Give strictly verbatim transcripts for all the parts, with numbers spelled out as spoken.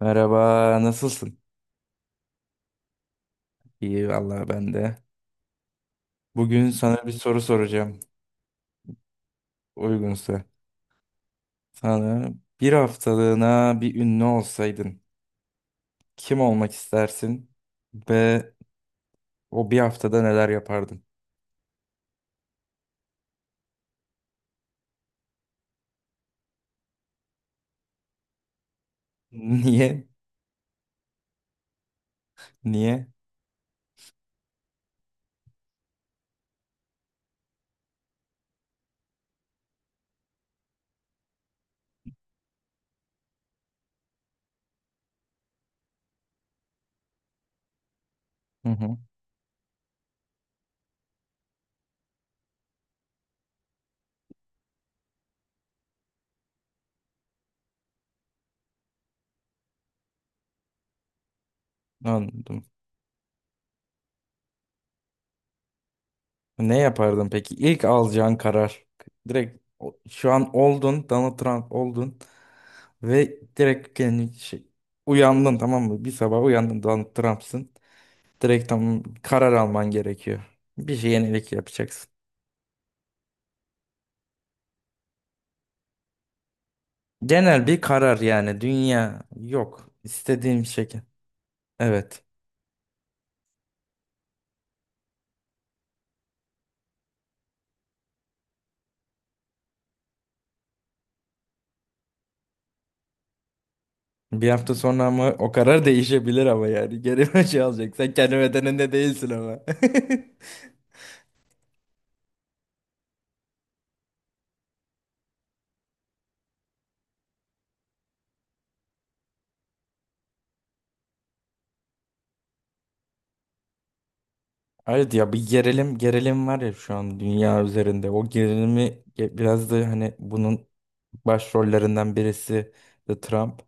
Merhaba, nasılsın? İyi vallahi ben de. Bugün sana bir soru soracağım, uygunsa. Sana bir haftalığına bir ünlü olsaydın, kim olmak istersin ve o bir haftada neler yapardın? Niye? Niye? Hı hı, anladım. Ne yapardın peki? İlk alacağın karar. Direkt o- şu an oldun, Donald Trump oldun ve direkt kendi şey, uyandın, tamam mı? Bir sabah uyandın, Donald Trump'sın. Direkt tam karar alman gerekiyor. Bir şey, yenilik yapacaksın. Genel bir karar, yani dünya yok. İstediğim şekil. Evet. Bir hafta sonra ama o karar değişebilir ama yani. Geri bir şey alacak. Sen kendi bedeninde değilsin ama. Evet ya, bir gerilim gerilim var ya şu an dünya üzerinde. O gerilimi ge- biraz da hani bunun başrollerinden birisi de Trump.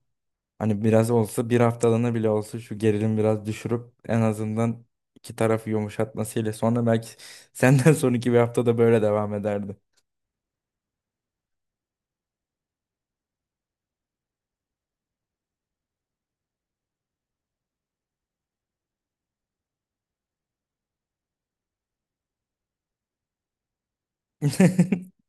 Hani biraz olsa, bir haftalığına bile olsa şu gerilim biraz düşürüp en azından iki tarafı yumuşatmasıyla sonra belki senden sonraki bir haftada böyle devam ederdi.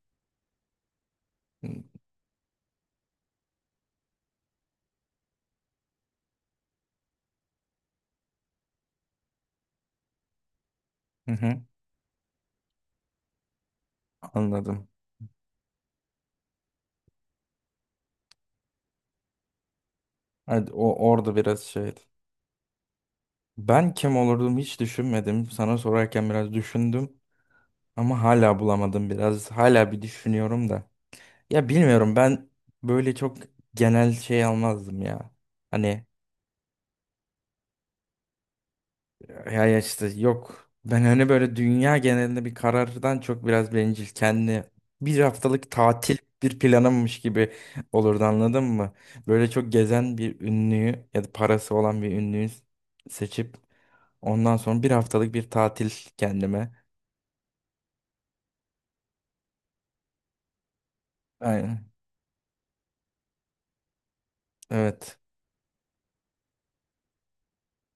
Hı hı, anladım. Hadi o orada biraz şeydi. Ben kim olurdum hiç düşünmedim. Sana sorarken biraz düşündüm ama hala bulamadım biraz. Hala bir düşünüyorum da. Ya bilmiyorum, ben böyle çok genel şey almazdım ya. Hani Ya ya işte yok. Ben hani böyle dünya genelinde bir karardan çok biraz bencil. Kendi bir haftalık tatil bir planımmış gibi olurdu, anladın mı? Böyle çok gezen bir ünlüyü ya da parası olan bir ünlüyü seçip ondan sonra bir haftalık bir tatil kendime. Aynen. Evet.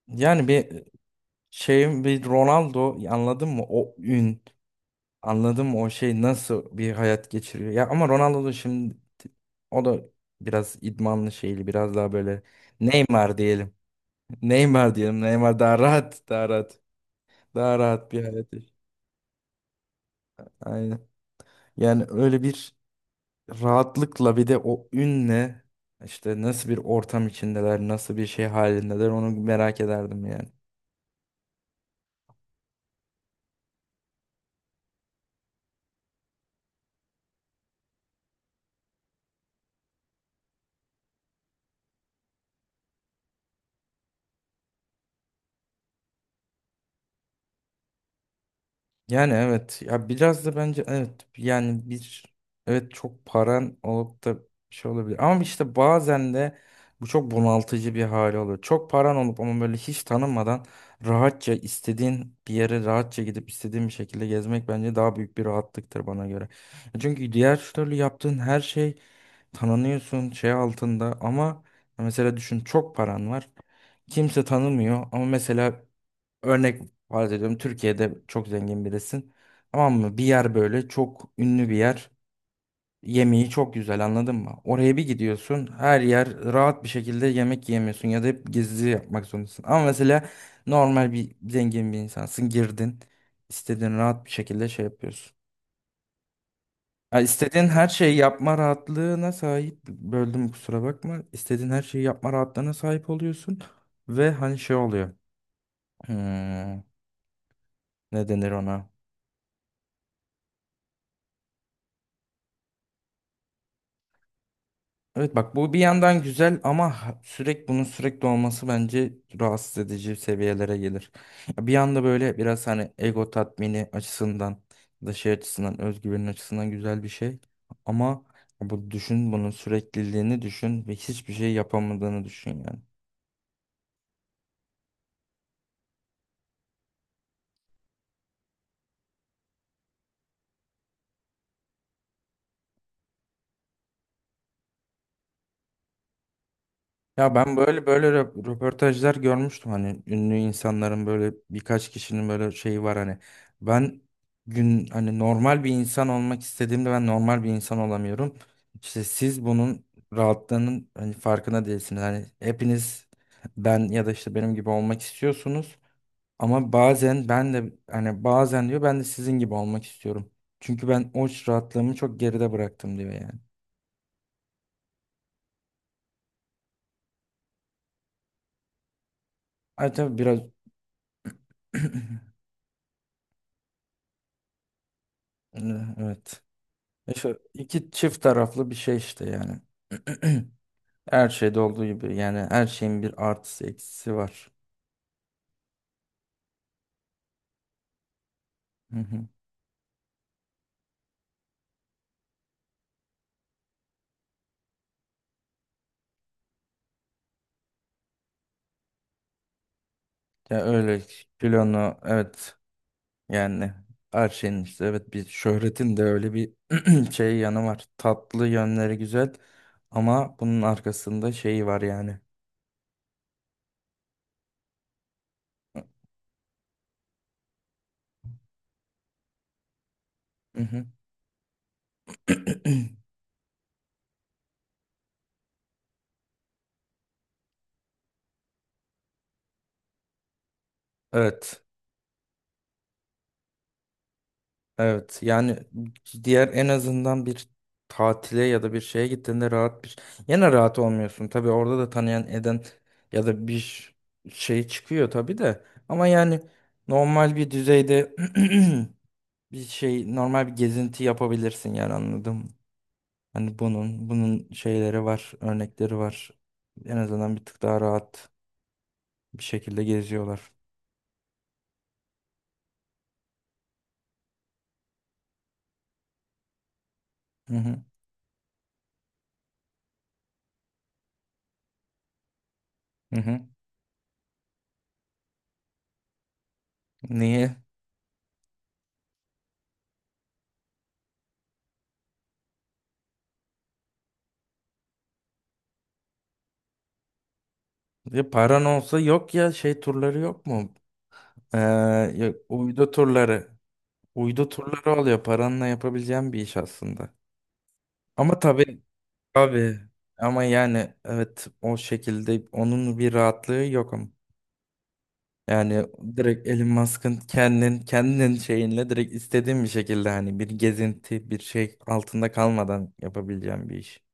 Yani bir şeyim, bir Ronaldo, anladın mı? O ün. Anladım o şey nasıl bir hayat geçiriyor. Ya ama Ronaldo da şimdi o da biraz idmanlı şeyli, biraz daha böyle Neymar diyelim. Neymar diyelim. Neymar daha rahat, daha rahat. Daha rahat bir hayat yaşıyor. Aynen. Yani öyle bir rahatlıkla bir de o ünle işte nasıl bir ortam içindeler, nasıl bir şey halindeler onu merak ederdim yani. Yani evet ya, biraz da bence evet yani bir evet, çok paran olup da bir şey olabilir ama işte bazen de bu çok bunaltıcı bir hali oluyor. Çok paran olup ama böyle hiç tanınmadan rahatça istediğin bir yere rahatça gidip istediğin bir şekilde gezmek bence daha büyük bir rahatlıktır bana göre. Çünkü diğer türlü yaptığın her şey tanınıyorsun şey altında ama mesela düşün, çok paran var, kimse tanımıyor ama mesela örnek, farz ediyorum Türkiye'de çok zengin birisin. Tamam mı? Bir yer böyle çok ünlü bir yer. Yemeği çok güzel, anladın mı? Oraya bir gidiyorsun, her yer rahat bir şekilde yemek yiyemiyorsun ya da hep gizli yapmak zorundasın. Ama mesela normal bir zengin bir insansın, girdin, istediğin rahat bir şekilde şey yapıyorsun. Ya istediğin her şeyi yapma rahatlığına sahip, böldüm kusura bakma. İstediğin her şeyi yapma rahatlığına sahip oluyorsun ve hani şey oluyor. Hmm, ne denir ona? Evet bak, bu bir yandan güzel ama ha- sürekli bunun sürekli olması bence rahatsız edici seviyelere gelir. Ya, bir yanda böyle biraz hani ego tatmini açısından ya da şey açısından, özgüvenin açısından güzel bir şey. Ama bu düşün, bunun sürekliliğini düşün ve hiçbir şey yapamadığını düşün yani. Ya ben böyle böyle rö- röportajlar görmüştüm, hani ünlü insanların böyle birkaç kişinin böyle şeyi var, hani ben gün hani normal bir insan olmak istediğimde ben normal bir insan olamıyorum. İşte siz bunun rahatlığının hani farkına değilsiniz. Hani hepiniz ben ya da işte benim gibi olmak istiyorsunuz ama bazen ben de hani bazen diyor ben de sizin gibi olmak istiyorum. Çünkü ben o rahatlığımı çok geride bıraktım diyor yani. Ay tabii biraz evet. İşte iki çift taraflı bir şey işte yani. Her şeyde olduğu gibi yani her şeyin bir artısı eksisi var. Hı hı. Ya öyle kilonu evet, yani her şeyin işte evet, bir şöhretin de öyle bir şey yanı var. Tatlı yönleri güzel ama bunun arkasında şeyi var yani. Hı hı. Evet. Evet yani diğer en azından bir tatile ya da bir şeye gittiğinde rahat bir, yine rahat olmuyorsun tabii, orada da tanıyan eden ya da bir şey çıkıyor tabii de, ama yani normal bir düzeyde bir şey, normal bir gezinti yapabilirsin yani, anladım. Hani bunun bunun şeyleri var, örnekleri var. En azından bir tık daha rahat bir şekilde geziyorlar. Hı hı. Hı hı. Niye? Ya paran olsa yok ya, şey turları yok mu? Ee, ya uydu turları. Uydu turları oluyor. Paranla yapabileceğim bir iş aslında. Ama tabii abi, ama yani evet, o şekilde onun bir rahatlığı yok ama. Yani direkt Elon Musk'ın kendin kendin şeyinle direkt istediğin bir şekilde hani bir gezinti, bir şey altında kalmadan yapabileceğim bir iş.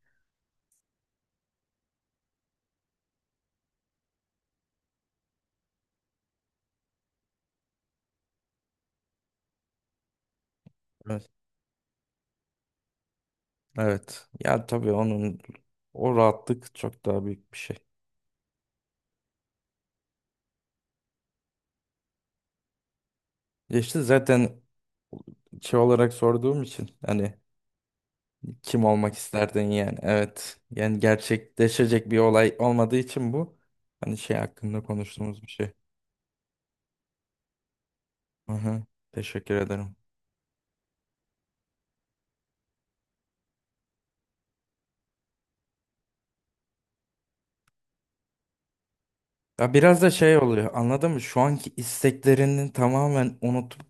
Evet. Evet. Ya tabii onun o rahatlık çok daha büyük bir şey. Ya İşte zaten şey olarak sorduğum için hani kim olmak isterdin yani? Evet. Yani gerçekleşecek bir olay olmadığı için bu. Hani şey hakkında konuştuğumuz bir şey. Aha, teşekkür ederim. Ya biraz da şey oluyor. Anladın mı? Şu anki isteklerini tamamen unutup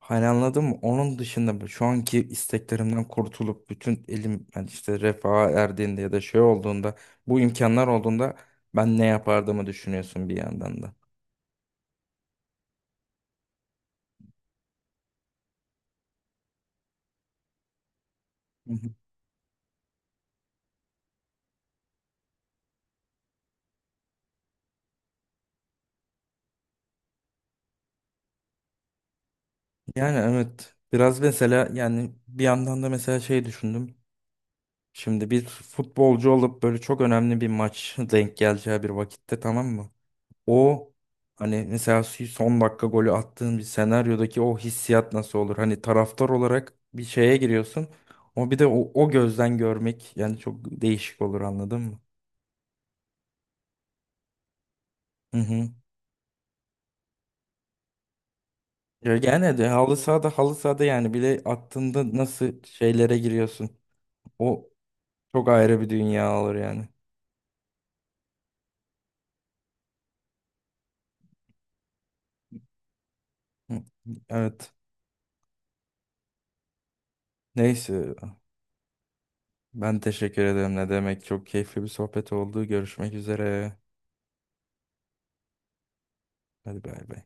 hani, anladın mı? Onun dışında bu- şu anki isteklerimden kurtulup bütün elim yani işte refaha erdiğinde ya da şey olduğunda bu imkanlar olduğunda ben ne yapardığımı düşünüyorsun bir yandan da. Hı hı. Yani evet. Biraz mesela yani bir yandan da mesela şey düşündüm. Şimdi bir futbolcu olup böyle çok önemli bir maç denk geleceği bir vakitte, tamam mı? O hani mesela si, son dakika golü attığın bir senaryodaki o hissiyat nasıl olur? Hani taraftar olarak bir şeye giriyorsun. O bir de o, o gözden görmek yani çok değişik olur, anladın mı? Hı hı. Ya gene de halı sahada halı sahada yani bile attığında nasıl şeylere giriyorsun? O çok ayrı bir dünya olur yani. Hı, evet. Neyse, ben teşekkür ederim. Ne demek? Çok keyifli bir sohbet oldu. Görüşmek üzere. Hadi bay bay.